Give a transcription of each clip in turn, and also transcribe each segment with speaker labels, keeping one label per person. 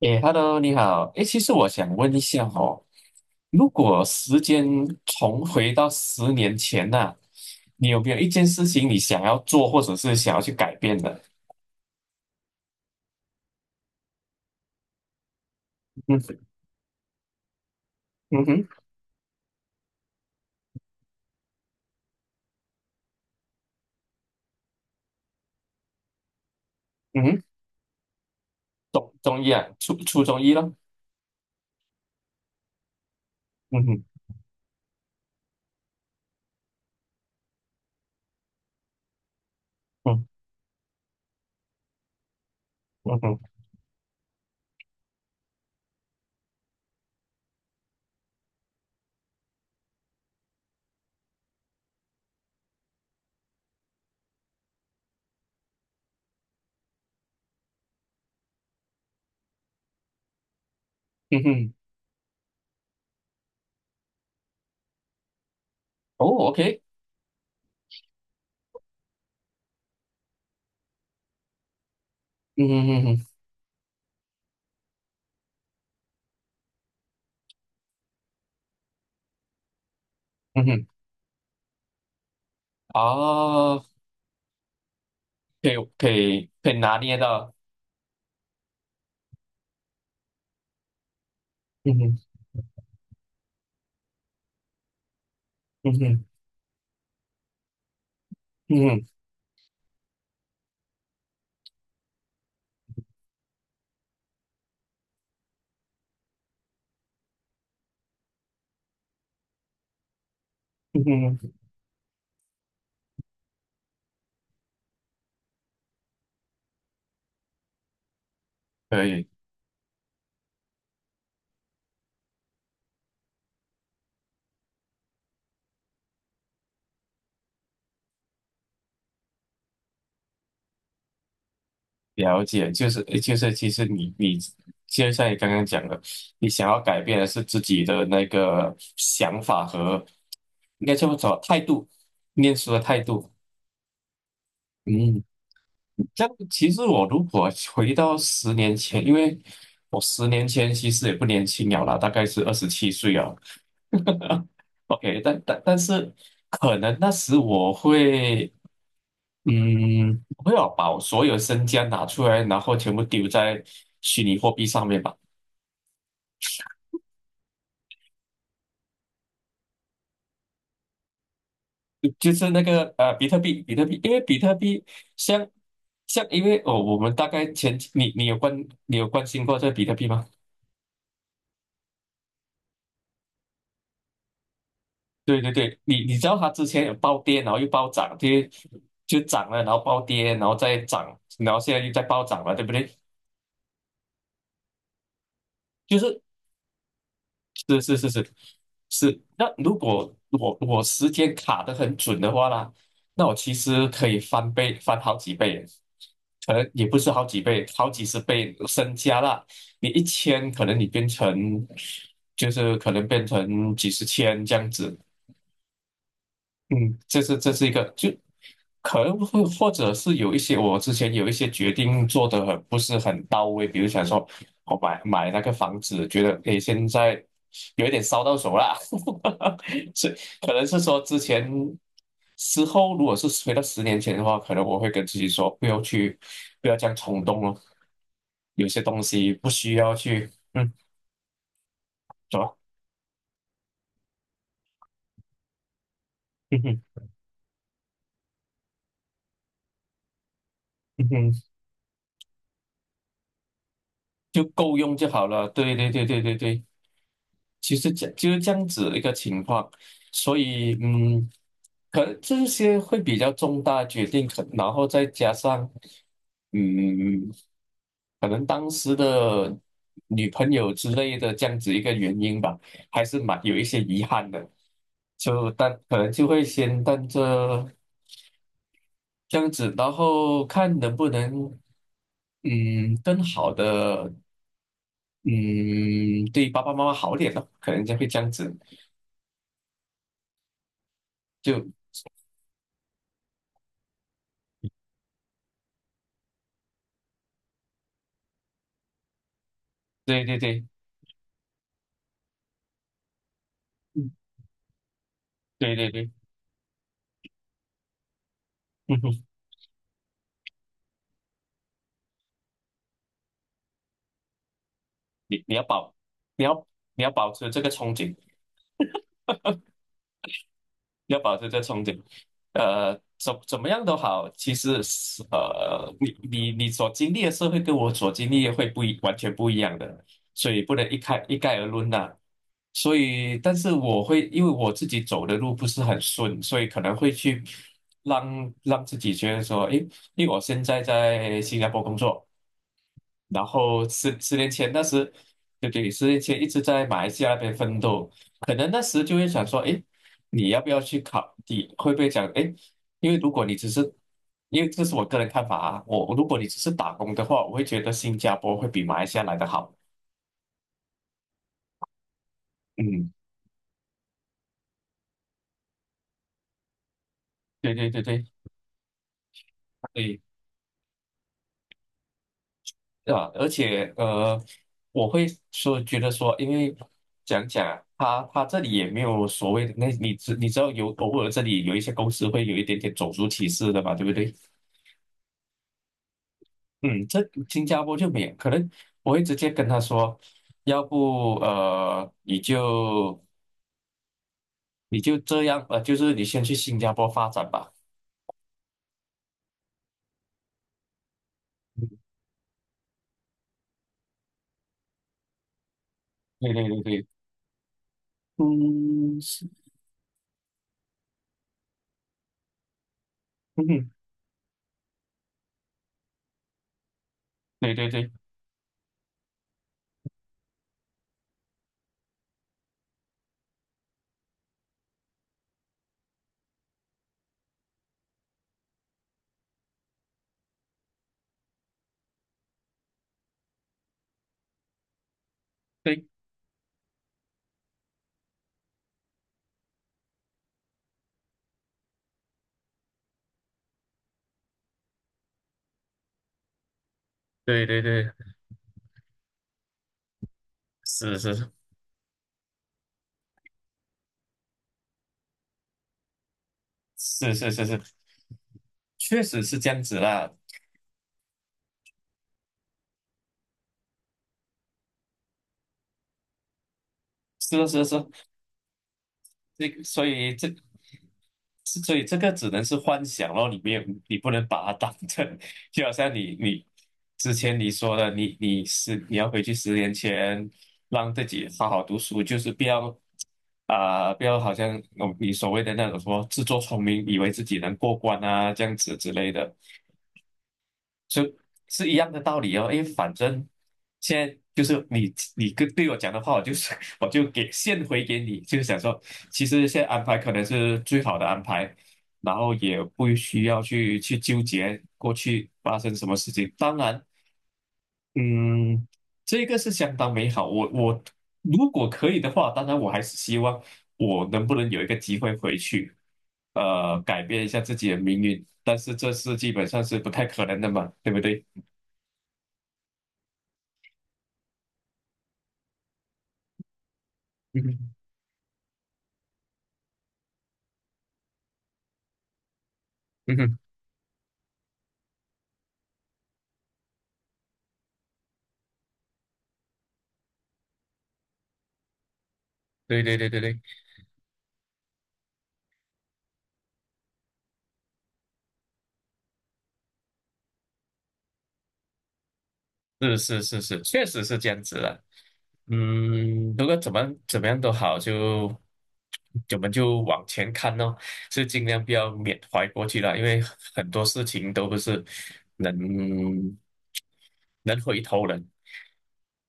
Speaker 1: 诶，Hello，你好。其实我想问一下哦，如果时间重回到十年前呐、你有没有一件事情你想要做，或者是想要去改变的？嗯嗯哼嗯哼，中医啊，初中医咯。嗯哼嗯嗯哼嗯哼，哦，OK，嗯哼嗯哼嗯哼，哦，可以可以可以拿捏到，嗯哼嗯哼嗯哼嗯哼，可以。了解，就是就是，其实你就像你刚刚讲的，你想要改变的是自己的那个想法和应该叫做态度，念书的态度。嗯，这样其实我如果回到十年前，因为我十年前其实也不年轻了啦，大概是27岁啊。OK，但是可能那时我会。嗯，我会要把我所有身家拿出来，然后全部丢在虚拟货币上面吧。就是那个比特币，比特币，因为比特币像像，因为哦，我们大概前你有关心过这个比特币吗？对对对，你知道它之前有暴跌，然后又暴涨，就就涨了，然后暴跌，然后再涨，然后现在又在暴涨了，对不对？就是是是是是是，那如果我时间卡得很准的话啦，那我其实可以翻倍，翻好几倍，可能也不是好几倍，好几十倍身家啦。你一千，可能你变成就是可能变成几十千这样子，嗯，这是这是一个，就可能会或者是有一些我之前有一些决定做的很不是很到位，比如想说我买那个房子，觉得诶现在有一点烧到手啦，所以可能是说之前之后如果是回到十年前的话，可能我会跟自己说不要去不要这样冲动哦，有些东西不需要去走吧，嗯哼嗯哼就够用就好了，对对对对对对。其实这就是这样子一个情况，所以可能这些会比较重大的决定，可然后再加上嗯，可能当时的女朋友之类的这样子一个原因吧，还是蛮有一些遗憾的，就但可能就会先当这这样子，然后看能不能更好的嗯对爸爸妈妈好点咯，可能就会这样子。就。对对对，嗯，对对对，嗯哼，你你要保，你要你要保持这个憧憬，你要保持这个憧憬，怎怎么样都好，其实是,你所经历的社会跟我所经历的会不一，完全不一样的，所以不能一概而论呐、所以，但是我会因为我自己走的路不是很顺，所以可能会去让让自己觉得说，诶，因为我现在在新加坡工作。然后十十年前那时，对对，十年前一直在马来西亚那边奋斗，可能那时就会想说，哎，你要不要去考？你会不会讲，哎，因为如果你只是，因为这是我个人看法啊，我如果你只是打工的话，我会觉得新加坡会比马来西亚来的好。嗯，对对对对对，对吧？而且我会说觉得说，因为讲讲啊他这里也没有所谓的那你知道有偶尔这里有一些公司会有一点点种族歧视的嘛，对不对？嗯，这新加坡就免，可能我会直接跟他说，要不你就这样就是你先去新加坡发展吧。嗯对对对对，嗯，是，嗯，对对对对对对对，是是是是是是，确实是这样子啦，是的是的是的，这个所以这是所以这个只能是幻想咯，你没有你不能把它当成，就好像你之前你说的，你要回去十年前，让自己好好读书，就是不要不要好像哦你所谓的那种说自作聪明，以为自己能过关啊这样子之类的，就是一样的道理哦，因为反正现在就是你跟对我讲的话，我就是 我就给现回给你，就是想说，其实现在安排可能是最好的安排，然后也不需要去纠结过去发生什么事情。当然，嗯，这个是相当美好。我如果可以的话，当然我还是希望我能不能有一个机会回去，改变一下自己的命运。但是这是基本上是不太可能的嘛，对不对？嗯哼，嗯哼，对对对对对，是是是是，确实是这样子的。嗯，如果怎么样都好，就我们就往前看咯，是尽量不要缅怀过去了，因为很多事情都不是能能回头人。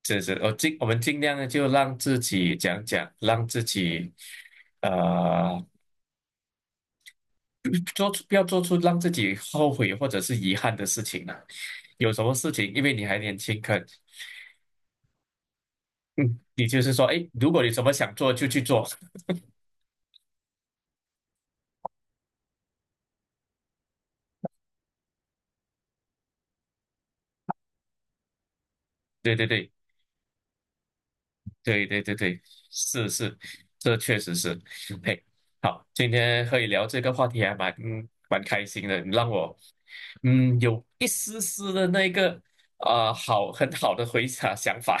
Speaker 1: 这是我们尽量的就让自己讲讲，让自己呃做出不要做出让自己后悔或者是遗憾的事情了。有什么事情，因为你还年轻，嗯，也就是说，哎，如果你什么想做就去做，对对对对对对对，是是，这确实是，嘿，好，今天和你聊这个话题还蛮蛮开心的，你让我有一丝丝的那个很好的回想想法，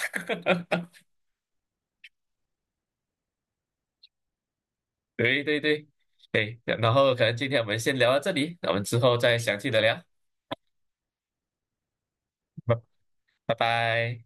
Speaker 1: 对对对，对，然后可能今天我们先聊到这里，那我们之后再详细的聊，拜拜拜。